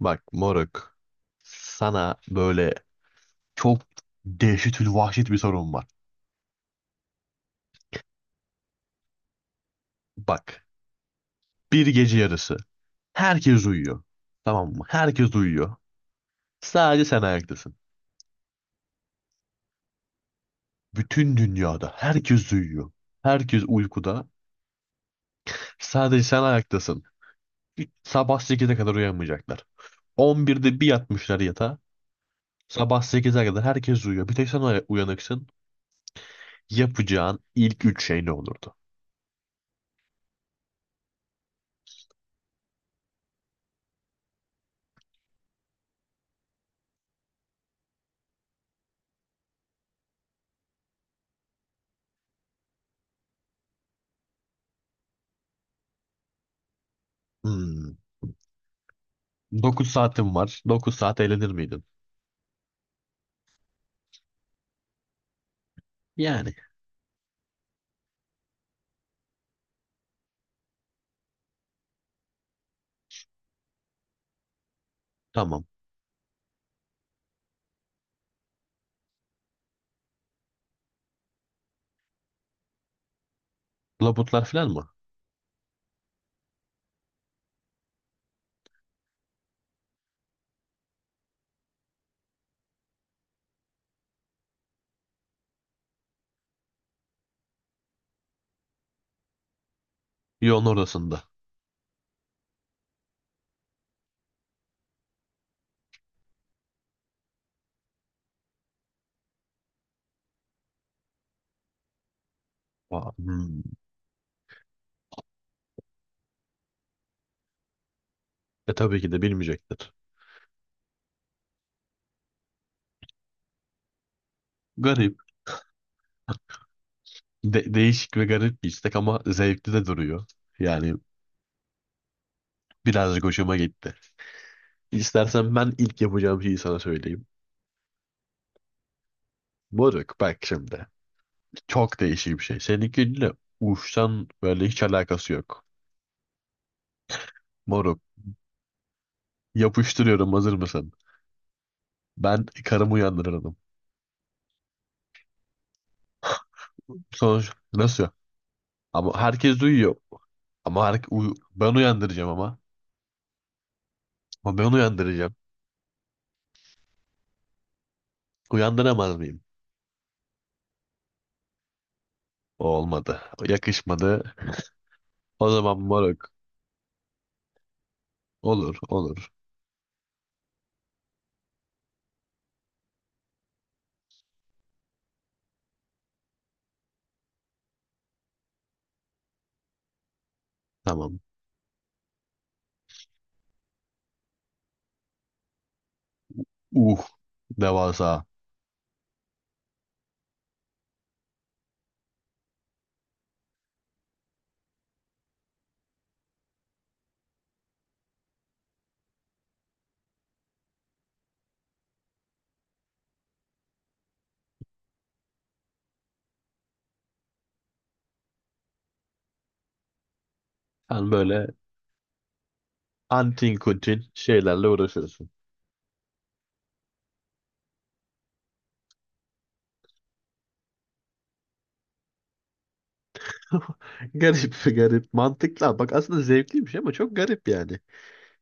Bak moruk, sana böyle çok dehşetül vahşet bir sorun var. Bak, bir gece yarısı herkes uyuyor. Tamam mı? Herkes uyuyor. Sadece sen ayaktasın. Bütün dünyada herkes uyuyor. Herkes uykuda. Sadece sen ayaktasın. Sabah 8'e kadar uyanmayacaklar. 11'de bir yatmışlar yatağa. Sabah 8'e kadar herkes uyuyor. Bir tek sen uyanıksın. Yapacağın ilk üç şey ne olurdu? Hmm. 9 saatin var. 9 saat eğlenir miydin? Yani tamam. Labutlar falan mı? Yoğun ortasında. Aa, hmm. E tabii ki de bilmeyecektir. Garip. Değişik ve garip bir istek ama zevkli de duruyor. Yani birazcık hoşuma gitti. İstersen ben ilk yapacağım şeyi sana söyleyeyim. Moruk, bak şimdi. Çok değişik bir şey. Seninkiyle uçtan böyle hiç alakası yok. Moruk, yapıştırıyorum, hazır mısın? Ben karımı uyandırırdım. Sonuç nasıl? Ama herkes duyuyor. Ama ben uyandıracağım ama. Ama ben uyandıracağım. Uyandıramaz mıyım? O olmadı. O yakışmadı. O zaman moruk. Olur, olur. Tamam. Uh, Devasa. Sen böyle antin kuntin şeylerle uğraşıyorsun. Garip, garip. Mantıklı. Bak, aslında zevkliymiş ama çok garip yani.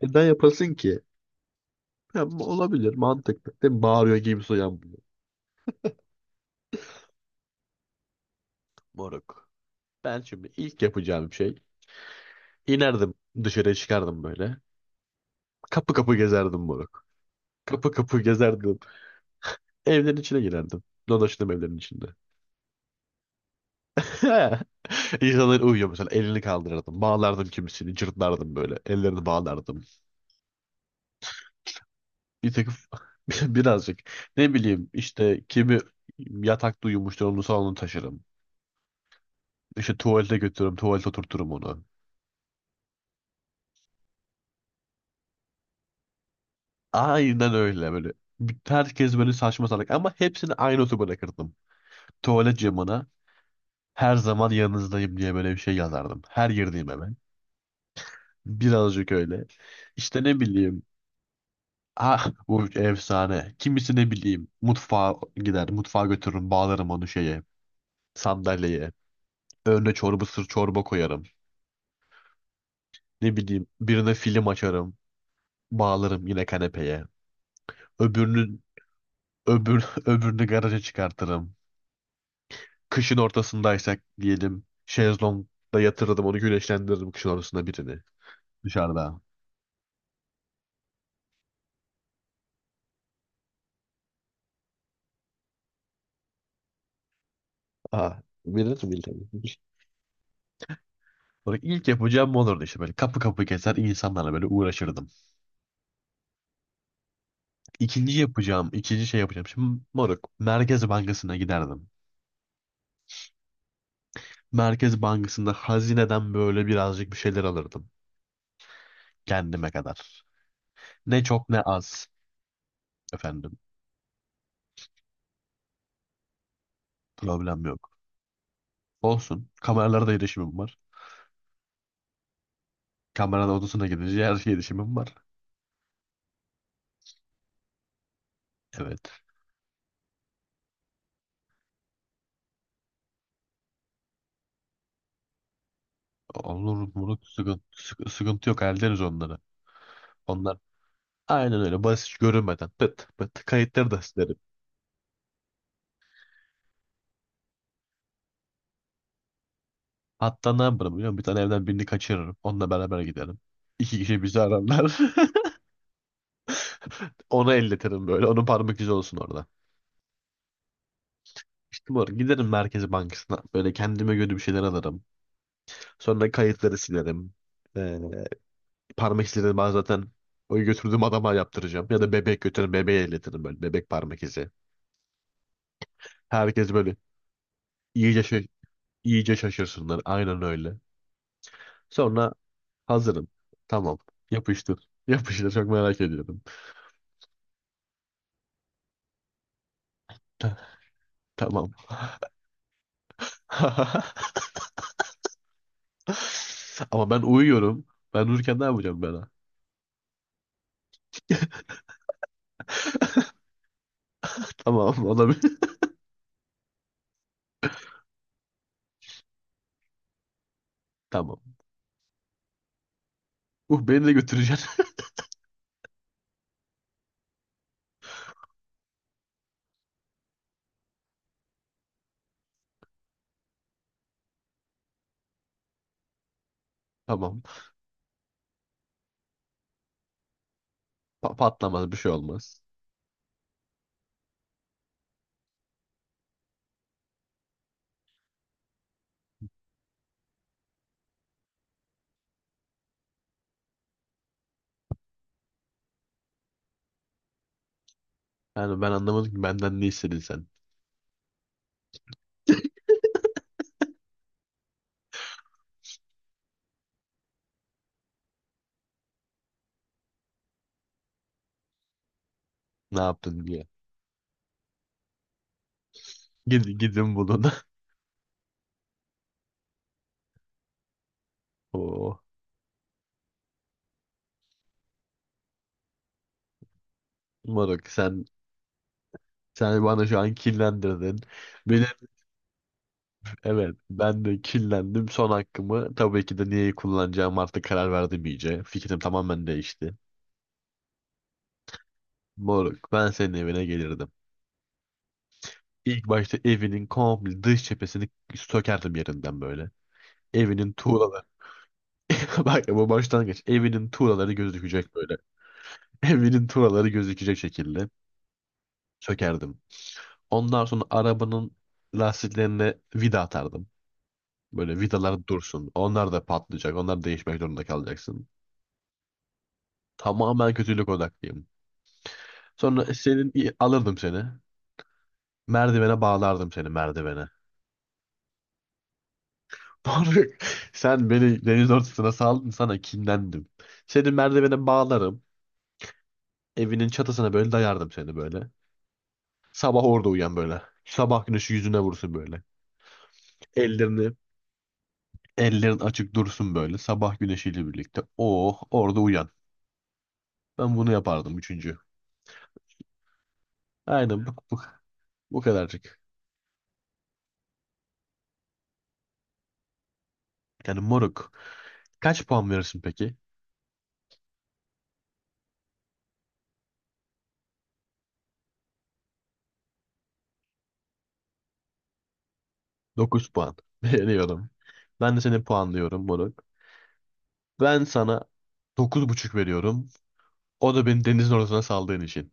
Neden yapasın ki? Ya, olabilir, mantıklı. Değil mi? Bağırıyor gibi soyan bunu. Moruk. Ben şimdi ilk yapacağım şey. İnerdim dışarıya, çıkardım böyle. Kapı kapı gezerdim moruk. Kapı kapı gezerdim. Evlerin içine girerdim. Dolaştım evlerin içinde. İnsanlar uyuyor mesela. Elini kaldırırdım. Bağlardım kimisini. Cırtlardım böyle. Ellerini bağlardım. Bir tek birazcık. Ne bileyim işte, kimi yatakta uyumuştur onu salona taşırım. İşte tuvalete götürürüm. Tuvalete oturturum onu. Aynen öyle böyle. Herkes böyle saçma salak, ama hepsini aynı otobana bırakırdım. Tuvalet camına her zaman yanınızdayım diye böyle bir şey yazardım. Her girdiğim eve. Birazcık öyle. İşte ne bileyim. Ah, bu efsane. Kimisi ne bileyim mutfağa gider. Mutfağa götürürüm, bağlarım onu şeye, sandalyeye. Önüne çorba sır çorba koyarım. Ne bileyim, birine film açarım. Bağlarım yine kanepeye. Öbürünü öbürünü garaja çıkartırım. Kışın ortasındaysak diyelim, şezlongda yatırırdım onu, güneşlendiririm kışın ortasında birini dışarıda. Ah, birini mi. Sonra ilk yapacağım bu olurdu, işte böyle kapı kapı gezer, insanlarla böyle uğraşırdım. İkinci yapacağım, ikinci şey yapacağım. Şimdi moruk, Merkez Bankası'na giderdim. Merkez Bankası'nda hazineden böyle birazcık bir şeyler alırdım. Kendime kadar. Ne çok ne az. Efendim, problem yok. Olsun. Kameralara da erişimim var. Kameranın odasına gidince her şeye erişimim var. Evet. Olur moruk, sıkıntı yok. Hallederiz onları. Onlar, aynen öyle, basit görünmeden pıt pıt kayıtları da silerim. Hatta ne yaparım biliyor musun? Bir tane evden birini kaçırırım. Onunla beraber giderim. İki kişi bizi ararlar. Onu elletirim böyle. Onun parmak izi olsun orada. İşte bu arada giderim Merkez Bankası'na. Böyle kendime göre bir şeyler alırım. Sonra kayıtları silerim. Ee, Parmak izleri ben zaten o götürdüğüm adama yaptıracağım. Ya da bebek götürürüm. Bebeğe elletirim böyle. Bebek parmak izi. Herkes böyle iyice, şa- iyice şaşırsınlar. Aynen öyle. Sonra hazırım. Tamam. Yapıştır. Yapıştır. Çok merak ediyorum. Tamam. Ama ben uyuyorum. Ben uyurken ne yapacağım ben? Ha? Tamam, olabilir. Tamam. Beni de götüreceksin. Tamam. Patlamaz bir şey, olmaz. Yani ben anlamadım ki, benden ne istedin sen? Ne yaptın diye. Gidin bulun. Oo. Moruk, sen bana şu an kinlendirdin. Benim, evet ben de kinlendim. Son hakkımı tabii ki de niye kullanacağım artık, karar verdim iyice. Fikrim tamamen değişti. Moruk, ben senin evine gelirdim. İlk başta evinin komple dış cephesini sökerdim yerinden böyle. Evinin tuğlaları. Bak, bu başlangıç. Evinin tuğlaları gözükecek böyle. Evinin tuğlaları gözükecek şekilde sökerdim. Ondan sonra arabanın lastiklerine vida atardım. Böyle vidalar dursun. Onlar da patlayacak. Onlar değişmek zorunda kalacaksın. Tamamen kötülük odaklıyım. Sonra alırdım seni. Merdivene bağlardım seni, merdivene. Moruk, sen beni deniz ortasına saldın, sana kinlendim. Seni merdivene bağlarım. Evinin çatısına böyle dayardım seni böyle. Sabah orada uyan böyle. Sabah güneşi yüzüne vursun böyle. Ellerini Ellerin açık dursun böyle sabah güneşiyle birlikte. Oh, orada uyan. Ben bunu yapardım, üçüncü. Aynen bu kadarcık. Yani moruk. Kaç puan verirsin peki? Dokuz puan. Veriyorum. Ben de seni puanlıyorum moruk. Ben sana 9,5 veriyorum. O da beni denizin ortasına saldığın için.